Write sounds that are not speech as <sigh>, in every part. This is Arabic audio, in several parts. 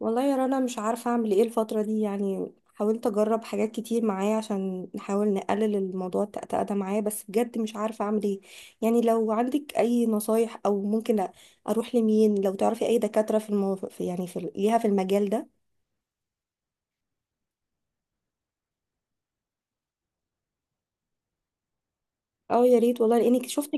والله يا رنا، مش عارفة أعمل إيه الفترة دي. يعني حاولت أجرب حاجات كتير معايا عشان نحاول نقلل الموضوع التأتأة ده معايا، بس بجد مش عارفة أعمل إيه. يعني لو عندك أي نصايح أو ممكن أروح لمين، لو تعرفي أي دكاترة في المو... في- يعني في ال- ليها في المجال ده. أه يا ريت والله، لأنك شفت.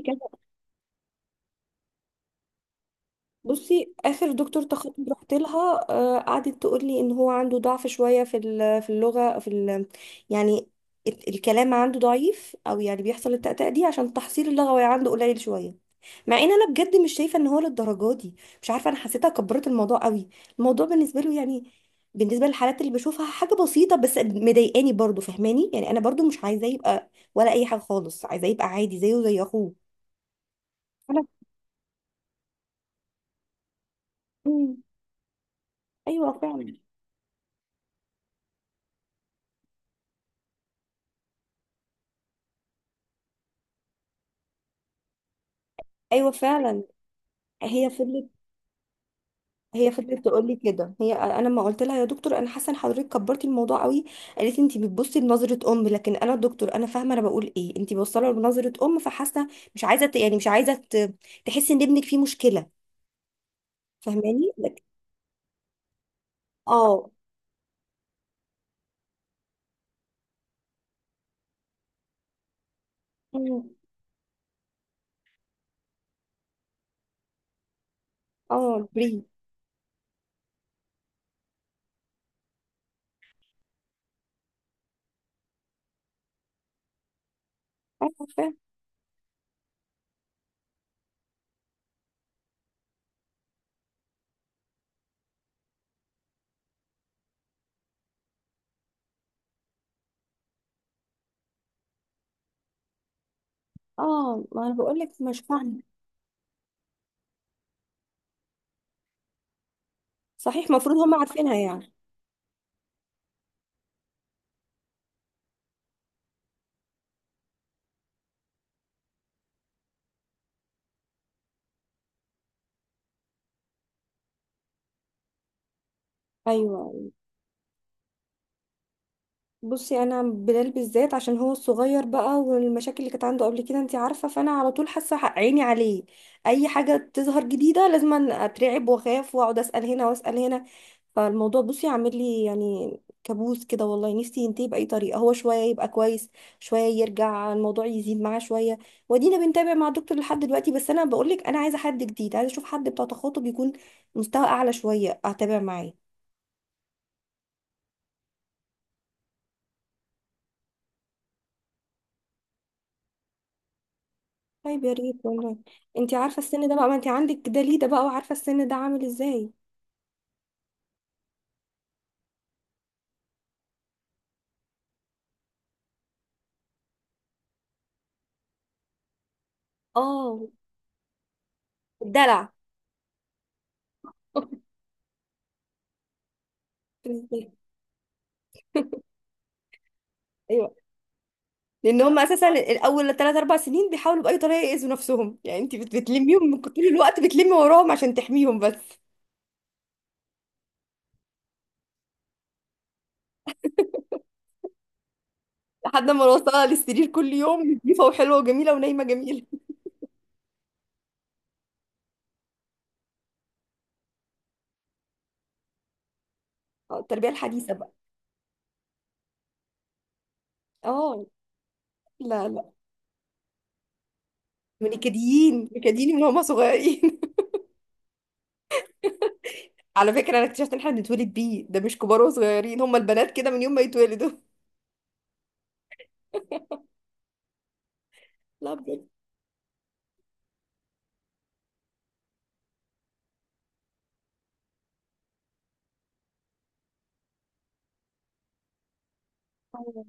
بصي، اخر دكتور تخاطب رحت لها، قعدت تقول لي ان هو عنده ضعف شويه في اللغه، في ال يعني الكلام عنده ضعيف، او يعني بيحصل التأتأة دي عشان تحصيل اللغوي عنده قليل شويه. مع ان انا بجد مش شايفه ان هو للدرجه دي. مش عارفه، انا حسيتها كبرت الموضوع قوي. الموضوع بالنسبه له، يعني بالنسبه للحالات اللي بشوفها، حاجه بسيطه، بس مضايقاني برضو، فاهماني؟ يعني انا برضو مش عايزاه يبقى ولا اي حاجه خالص، عايزاه يبقى عادي زيه زي اخوه. أنا- مم. ايوه فعلا. ايوه فعلا. هي فضلت هي فضلت تقول لي كده. هي، انا ما قلت لها: يا دكتور انا حاسه ان حضرتك كبرتي الموضوع قوي؟ قالت لي: انت بتبصي لنظره ام. لكن انا دكتور، انا فاهمه انا بقول ايه، انت بوصله لنظره ام فحاسه. مش عايزه تحسي ان ابنك فيه مشكله. فاهماني؟ لكن اه. أمم. اه بري. ايوه فاهم. اه، ما انا بقول لك مش فاهمه. صحيح، المفروض هم عارفينها يعني. ايوه. بصي، انا بلال بالذات عشان هو الصغير بقى، والمشاكل اللي كانت عنده قبل كده انت عارفه، فانا على طول حاسه عيني عليه. اي حاجه تظهر جديده لازم أن اترعب واخاف واقعد اسال هنا واسال هنا. فالموضوع، بصي، عامل لي يعني كابوس كده. والله نفسي ينتهي باي طريقه، هو شويه يبقى كويس، شويه يرجع الموضوع يزيد معاه شويه. ودينا بنتابع مع الدكتور لحد دلوقتي، بس انا بقول لك انا عايزه حد جديد، عايزه اشوف حد بتاع تخاطب يكون مستوى اعلى شويه، اتابع معاه. طيب يا ريت والله. انت عارفه السن ده بقى، ما انت عندك دليده بقى وعارفه السن ده عامل ازاي. اه. الدلع. ايوه، لان هم اساسا الاول ثلاث اربع سنين بيحاولوا باي طريقه يأذوا نفسهم، يعني انت بتلميهم طول الوقت، بتلمي وراهم عشان تحميهم بس. لحد ما نوصلها للسرير كل يوم نظيفه وحلوه وجميله ونايمه جميله. <laughs> اه، التربيه الحديثه بقى. اه. لا لا. من الكديين نكديين من هم صغيرين. <laughs> على فكره، انا اكتشفت ان احنا بنتولد بيه، ده مش كبار وصغيرين، هم البنات كده من يوم ما يتولدوا. لا بجد. أيوة.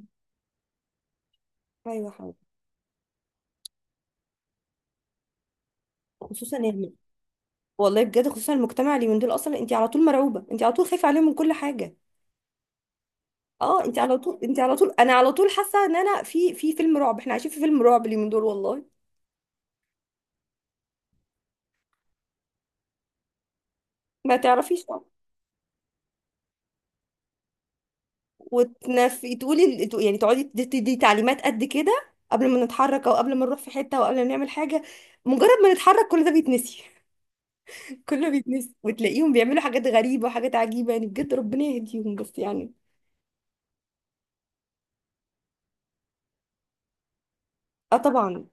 أيوة حقيقي. خصوصا يعني، والله بجد خصوصا المجتمع اليومين دول أصلا، أنت على طول مرعوبة، أنت على طول خايفة عليهم من كل حاجة. أه، أنت على طول، أنا على طول حاسة إن أنا في فيلم رعب، إحنا عايشين في فيلم رعب اليومين دول والله. ما تعرفيش. وتنفي تقولي تقعدي تدي تعليمات قد كده قبل ما نتحرك، أو قبل ما نروح في حتة، أو قبل ما نعمل حاجة. مجرد ما نتحرك كل ده بيتنسي. <laughs> كل ده بيتنسي، وتلاقيهم بيعملوا حاجات غريبة وحاجات عجيبة، يعني بجد ربنا يهديهم بس يعني. اه طبعا.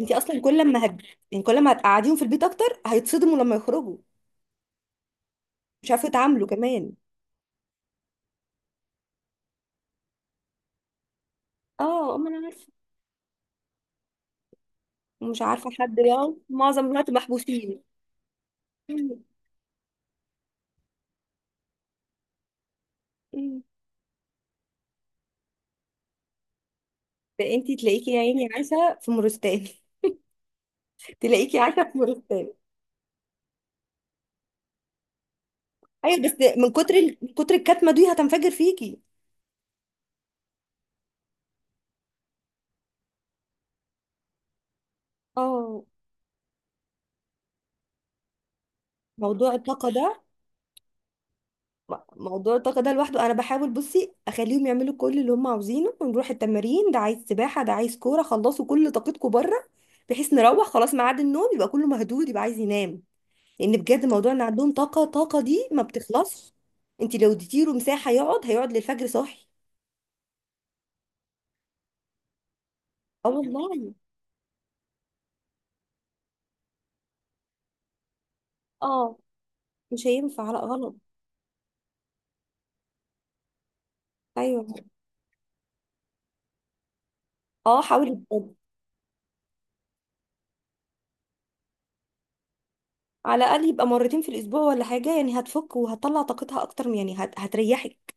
انت اصلا كل ما هت... يعني كل ما هتقعديهم في البيت اكتر هيتصدموا لما يخرجوا. مش عارفه يتعاملوا كمان. اه، ما انا عارفه. ومش عارفه حد، يعني معظم الوقت محبوسين. مم. مم. ده انت تلاقيكي يا عيني عايشه في مورستان. <laughs> تلاقيكي عايشه في مورستان. ايوه، بس من كتر الكتمه دي هتنفجر فيكي. اه. موضوع الطاقه ده موضوع الطاقه ده لوحده، انا بحاول، بصي، اخليهم يعملوا كل اللي هم عاوزينه، ونروح التمارين، ده عايز سباحه، ده عايز كوره، خلصوا كل طاقتكم بره. بحيث نروح خلاص ميعاد النوم يبقى كله مهدود، يبقى عايز ينام. لان بجد موضوع ان عندهم طاقه، طاقه دي ما بتخلصش. انت لو اديتي له مساحه يقعد، هيقعد للفجر صاحي. اه والله. اه. مش هينفع، لا غلط. ايوه. اه، حاولي بجد. على الاقل يبقى مرتين في الاسبوع ولا حاجه يعني، هتفك وهتطلع طاقتها اكتر هتريحك.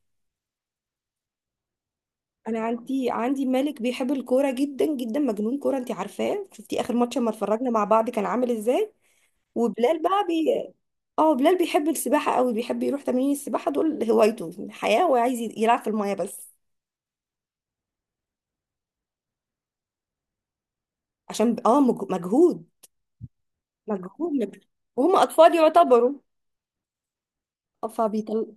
انا عندي مالك بيحب الكوره جدا جدا، مجنون كوره، انت عارفاه، شفتي اخر ماتش لما اتفرجنا مع بعض كان عامل ازاي. وبلال بقى بي اه، بلال بيحب السباحة قوي، بيحب يروح تمارين السباحة دول، هوايته حياة، وعايز يلعب في المية بس. عشان مجهود. مجهود مجهود. وهم أطفال يعتبروا. اه فبيطل.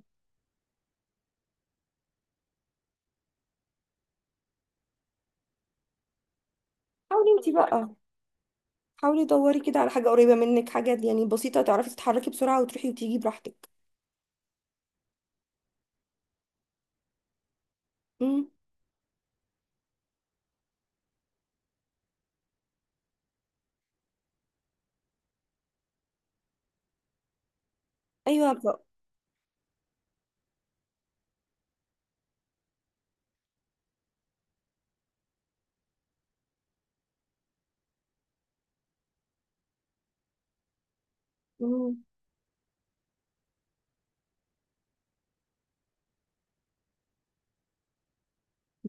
حاولي انتي بقى حاولي دوري كده على حاجة قريبة منك، حاجة يعني بسيطة تعرفي تتحركي بسرعة وتروحي وتيجي براحتك. امم. ايوه مم.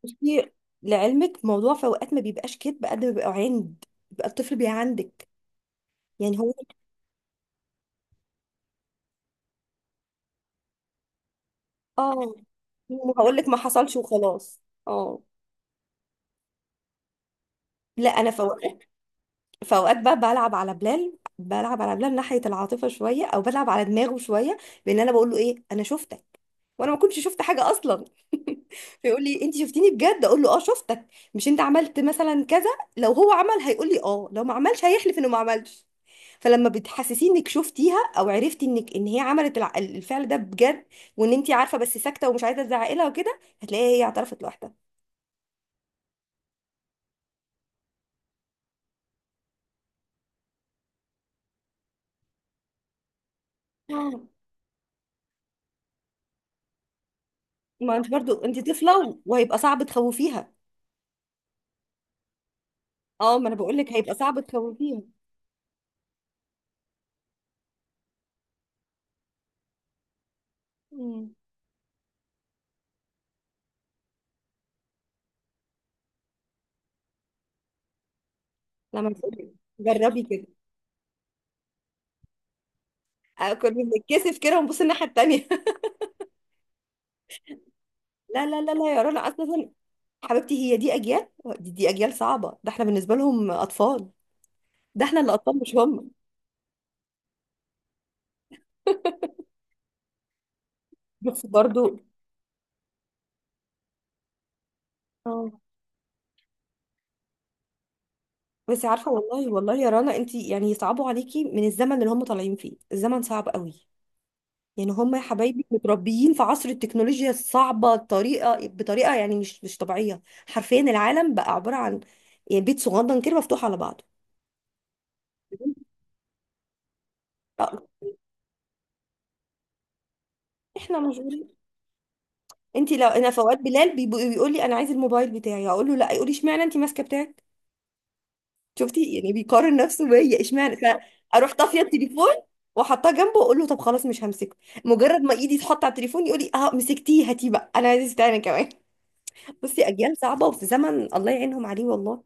بصي، لعلمك موضوع في اوقات ما بيبقاش كدب قد ما بيبقى عند، بيبقى الطفل بيعندك، يعني هو. اه. هقول لك ما حصلش وخلاص. اه. لا، انا في اوقات، في اوقات بقى بلعب على بلال ناحيه العاطفه شويه، او بلعب على دماغه شويه، بان انا بقول له ايه: انا شفتك. وانا ما كنتش شفت حاجه اصلا. <laughs> فيقول لي: انت شفتيني بجد؟ اقول له: اه شفتك. مش انت عملت مثلا كذا. لو هو عمل هيقول لي اه، لو ما عملش هيحلف انه ما عملش. فلما بتحسسيه انك شفتيها او عرفتي انك ان هي عملت الفعل ده بجد، وان انت عارفه بس ساكته ومش عايزه تزعقي لها وكده، هتلاقيها هي اعترفت لوحدها. آه. ما انت برضو انت طفله، وهيبقى صعب تخوفيها. اه، ما انا بقول لك هيبقى صعب تخوفيها. مم. لما تقولي، جربي كده. كنا بنتكسف كده ونبص الناحيه التانيه. <laughs> لا لا لا لا يا رنا، اصلا حبيبتي هي دي اجيال، دي اجيال صعبه، ده احنا بالنسبه لهم اطفال، ده احنا اللي اطفال مش هم. بس برضو. اه، بس عارفه والله، والله يا رنا، انت يعني صعبوا عليكي من الزمن اللي هم طالعين فيه. الزمن صعب قوي. يعني هم يا حبايبي متربيين في عصر التكنولوجيا الصعبة، الطريقة بطريقة يعني مش طبيعية. حرفيا العالم بقى عبارة عن يعني بيت صغنن كده مفتوح على بعضه. آه، احنا مشغولين. انت لو، انا في اوقات بلال بيقول لي: انا عايز الموبايل بتاعي. اقول له: لا. يقول لي: اشمعنى انت ماسكه بتاعك؟ شفتي؟ يعني بيقارن نفسه بيا، اشمعنى. فاروح طافيه التليفون، واحطها جنبه واقول له: طب خلاص مش همسكه. مجرد ما ايدي تحط على التليفون يقول لي: اه مسكتيه، هاتيه بقى، انا عايز تاني كمان. <laughs> بصي، اجيال صعبه وفي زمن الله يعينهم عليه والله.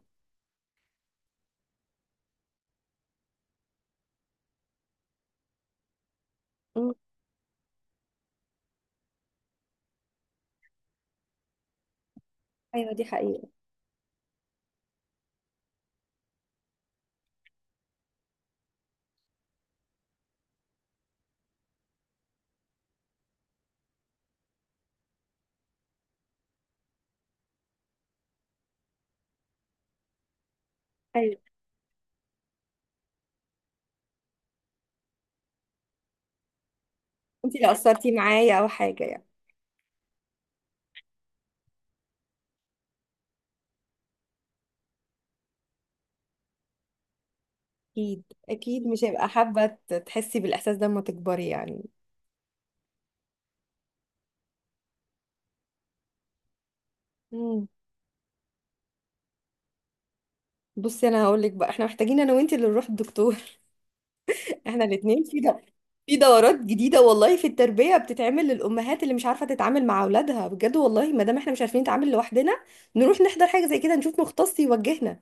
ايوه دي حقيقة. ايوه. انت اللي قصرتي معايا او حاجة يعني. اكيد. اكيد مش هيبقى حابة تحسي بالاحساس ده لما تكبري يعني. امم. بصي، انا هقول لك بقى، احنا محتاجين انا وانت اللي نروح الدكتور. <laughs> احنا الاثنين في ده. في دورات جديدة والله في التربية بتتعمل للامهات اللي مش عارفة تتعامل مع اولادها بجد، والله ما دام احنا مش عارفين نتعامل لوحدنا، نروح نحضر حاجة زي كده، نشوف مختص يوجهنا.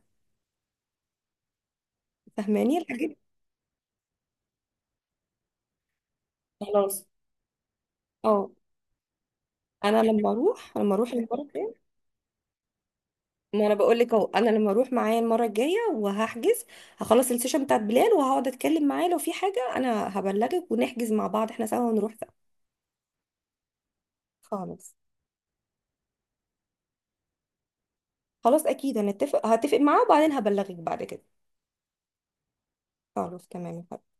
فاهماني الحاجات دي؟ خلاص. اه. انا لما اروح المرة الجاية، ما انا بقول لك اهو، انا لما اروح معايا المره الجايه وهحجز، هخلص السيشن بتاعت بلال وهقعد اتكلم معاه، لو في حاجه انا هبلغك ونحجز مع بعض احنا سوا، ونروح سوا. خالص. خلاص، اكيد هنتفق معاه، وبعدين هبلغك بعد كده. خلاص تمام يا حبيبتي.